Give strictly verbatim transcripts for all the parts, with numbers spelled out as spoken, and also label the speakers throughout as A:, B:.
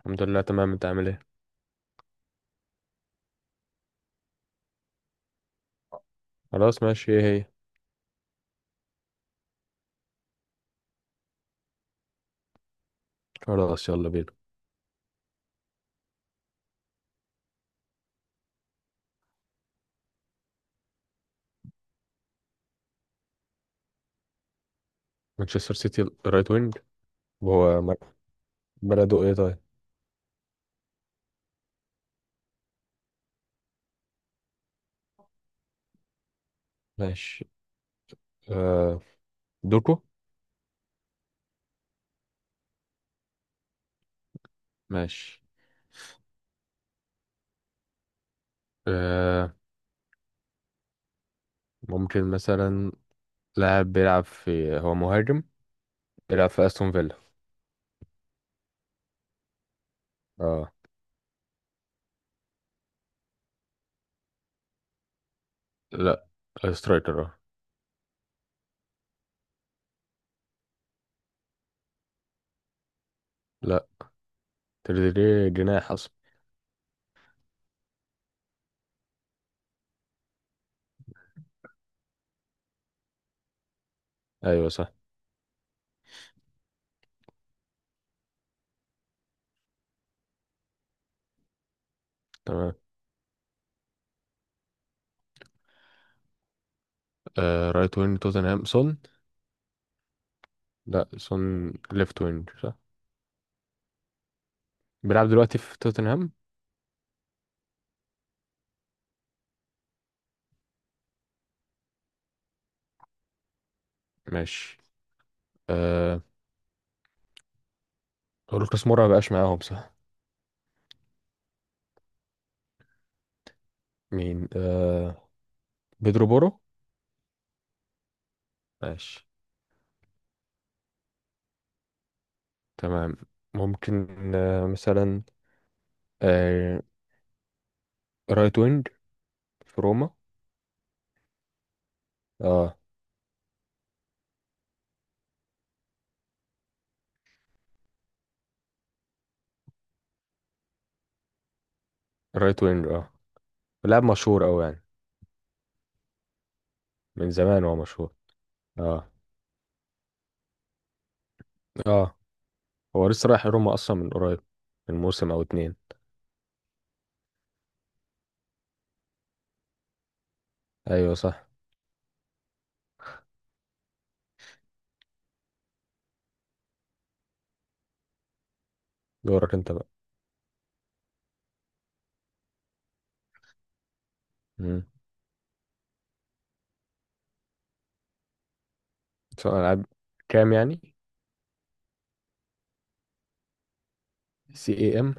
A: الحمد لله تمام. انت عامل ايه؟ خلاص ماشي. ايه هي؟ خلاص يلا بينا. مانشستر سيتي رايت وينج. وهو م- بلده ايه طيب؟ ماشي. آه، دوكو. ماشي. آه، ممكن مثلا لاعب بيلعب في، هو مهاجم، بيلعب في استون فيلا. اه. لا، سترايكر اه. لا، تريزيجيه جناح اصلا. ايوه صح. تمام. آه، رايت وينج توتنهام، سون. لا، سون ليفت وينج صح. بيلعب دلوقتي في توتنهام. ماشي. آه، هو لوكاس مورا مبقاش معاهم صح؟ مين؟ آه، بيدرو بورو. ماشي. تمام. ممكن. آه مثلا آه رايت وينج في روما. اه رايت وينج اه. لاعب مشهور أوي يعني. من زمان هو مشهور. اه. اه هو لسه رايح روما اصلا من قريب، من موسم او اتنين. ايوه صح. دورك انت بقى. امم سؤال العاب كام يعني، سي اي ام.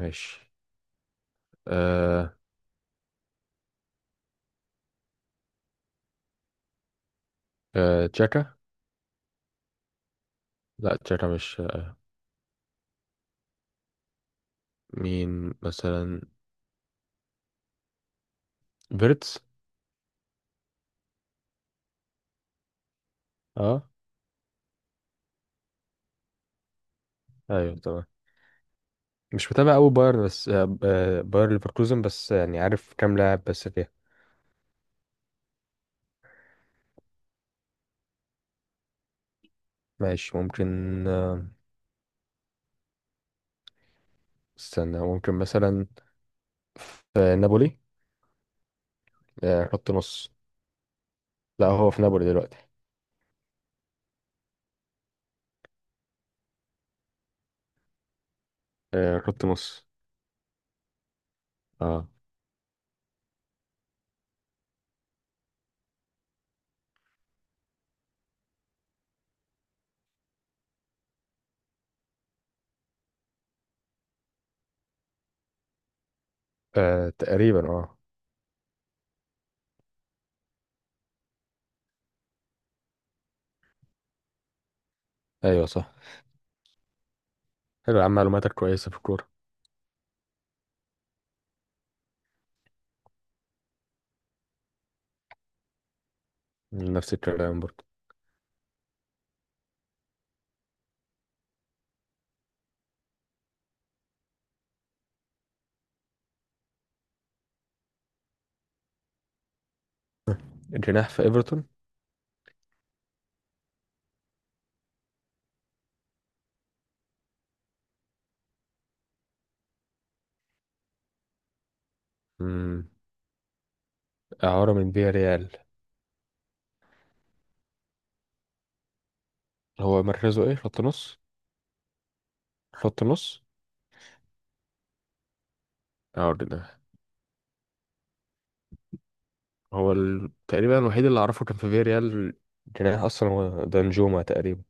A: ماشي. آه آه تشاكا. لا تشاكا مش آه. مين مثلا؟ فيرتس. اه ايوه تمام. مش متابع قوي باير بس آه، آه، باير ليفركوزن بس، يعني عارف كام لاعب بس فيها. ماشي ممكن. آه، استنى. ممكن مثلا في نابولي. آه، خط نص. لا هو في نابولي دلوقتي. آه، خط نص اه. آه، تقريبا اه. ايوه صح. حلو يا عم، معلوماتك كويسة في الكورة. نفس الكلام برضه. جناح في ايفرتون. مم، إعارة من فيا ريال. هو مركزه ايه، خط نص؟ خط نص اه، جناح. هو ال... تقريبا الوحيد اللي اعرفه كان في فيريال، جناح اصلا، هو دانجوما تقريبا.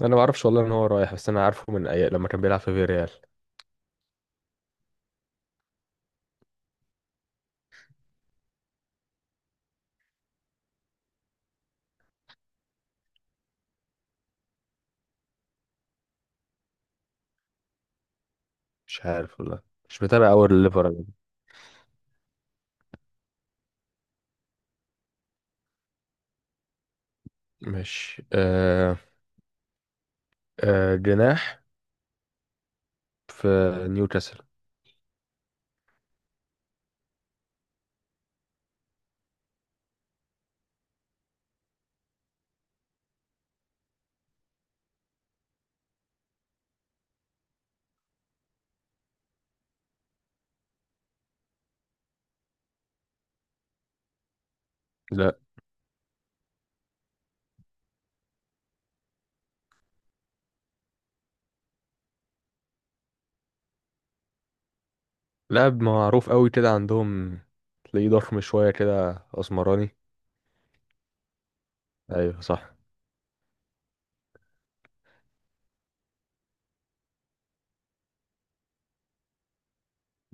A: انا ما اعرفش والله ان هو رايح، بس انا عارفه من اي لما كان بيلعب في فيريال. مش عارف والله. مش متابع اول الليفر أنا. مش آه... آه... جناح في نيوكاسل. لا. لاعب معروف قوي كده عندهم، تلاقيه ضخم شويه كده، اسمراني. ايوه صح.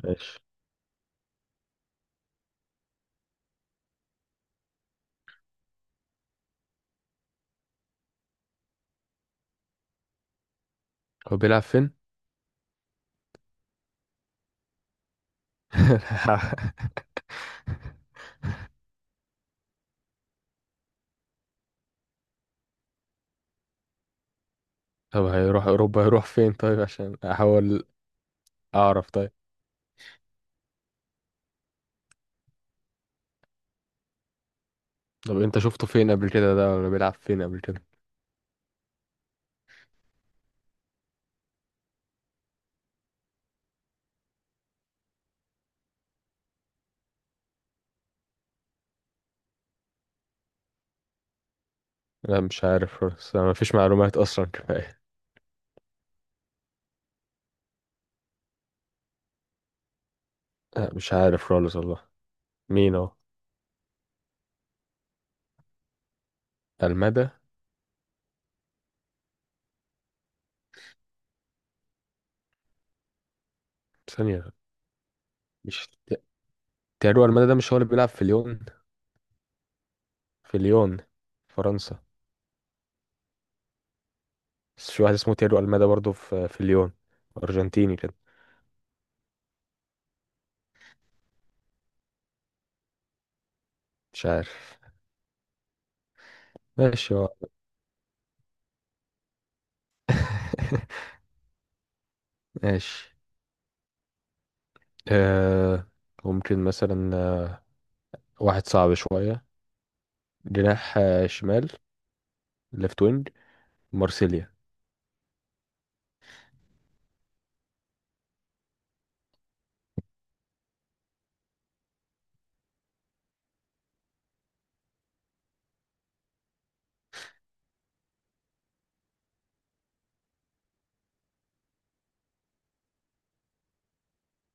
A: ماشي. هو بيلعب فين؟ طب هيروح اوروبا، هيروح فين طيب عشان احاول اعرف؟ طيب طب انت شفته فين قبل كده، ده ولا بيلعب فين قبل كده؟ لا مش عارف خالص، ما فيش معلومات اصلا كفايه. لا مش عارف خالص والله. مين هو؟ المدى؟ ثانيه. مش ت- تيرو المدى ده مش هو اللي بيلعب في ليون؟ في ليون فرنسا. بس في واحد اسمه تيرو المدى برضه في في ليون، ارجنتيني كده. مش عارف. ماشي. هو. ماشي. آه، ممكن مثلا، آه، واحد صعب شويه، جناح آه، شمال، ليفت وينج، مارسيليا.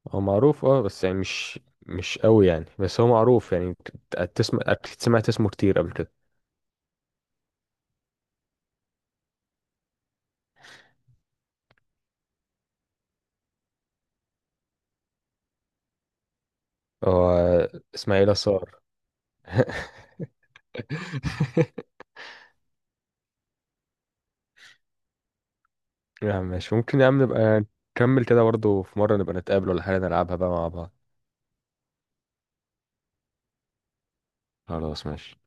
A: هو معروف اه، بس يعني مش مش قوي يعني، بس هو معروف يعني. ت- تسمع، أكيد سمعت اسمه كتير قبل كده. هو اسماعيل صار. يا عم ماشي، ممكن يا عم نبقى نكمل كده برضه، في مرة نبقى نتقابل ولا حاجة نلعبها بقى مع بعض. خلاص ماشي.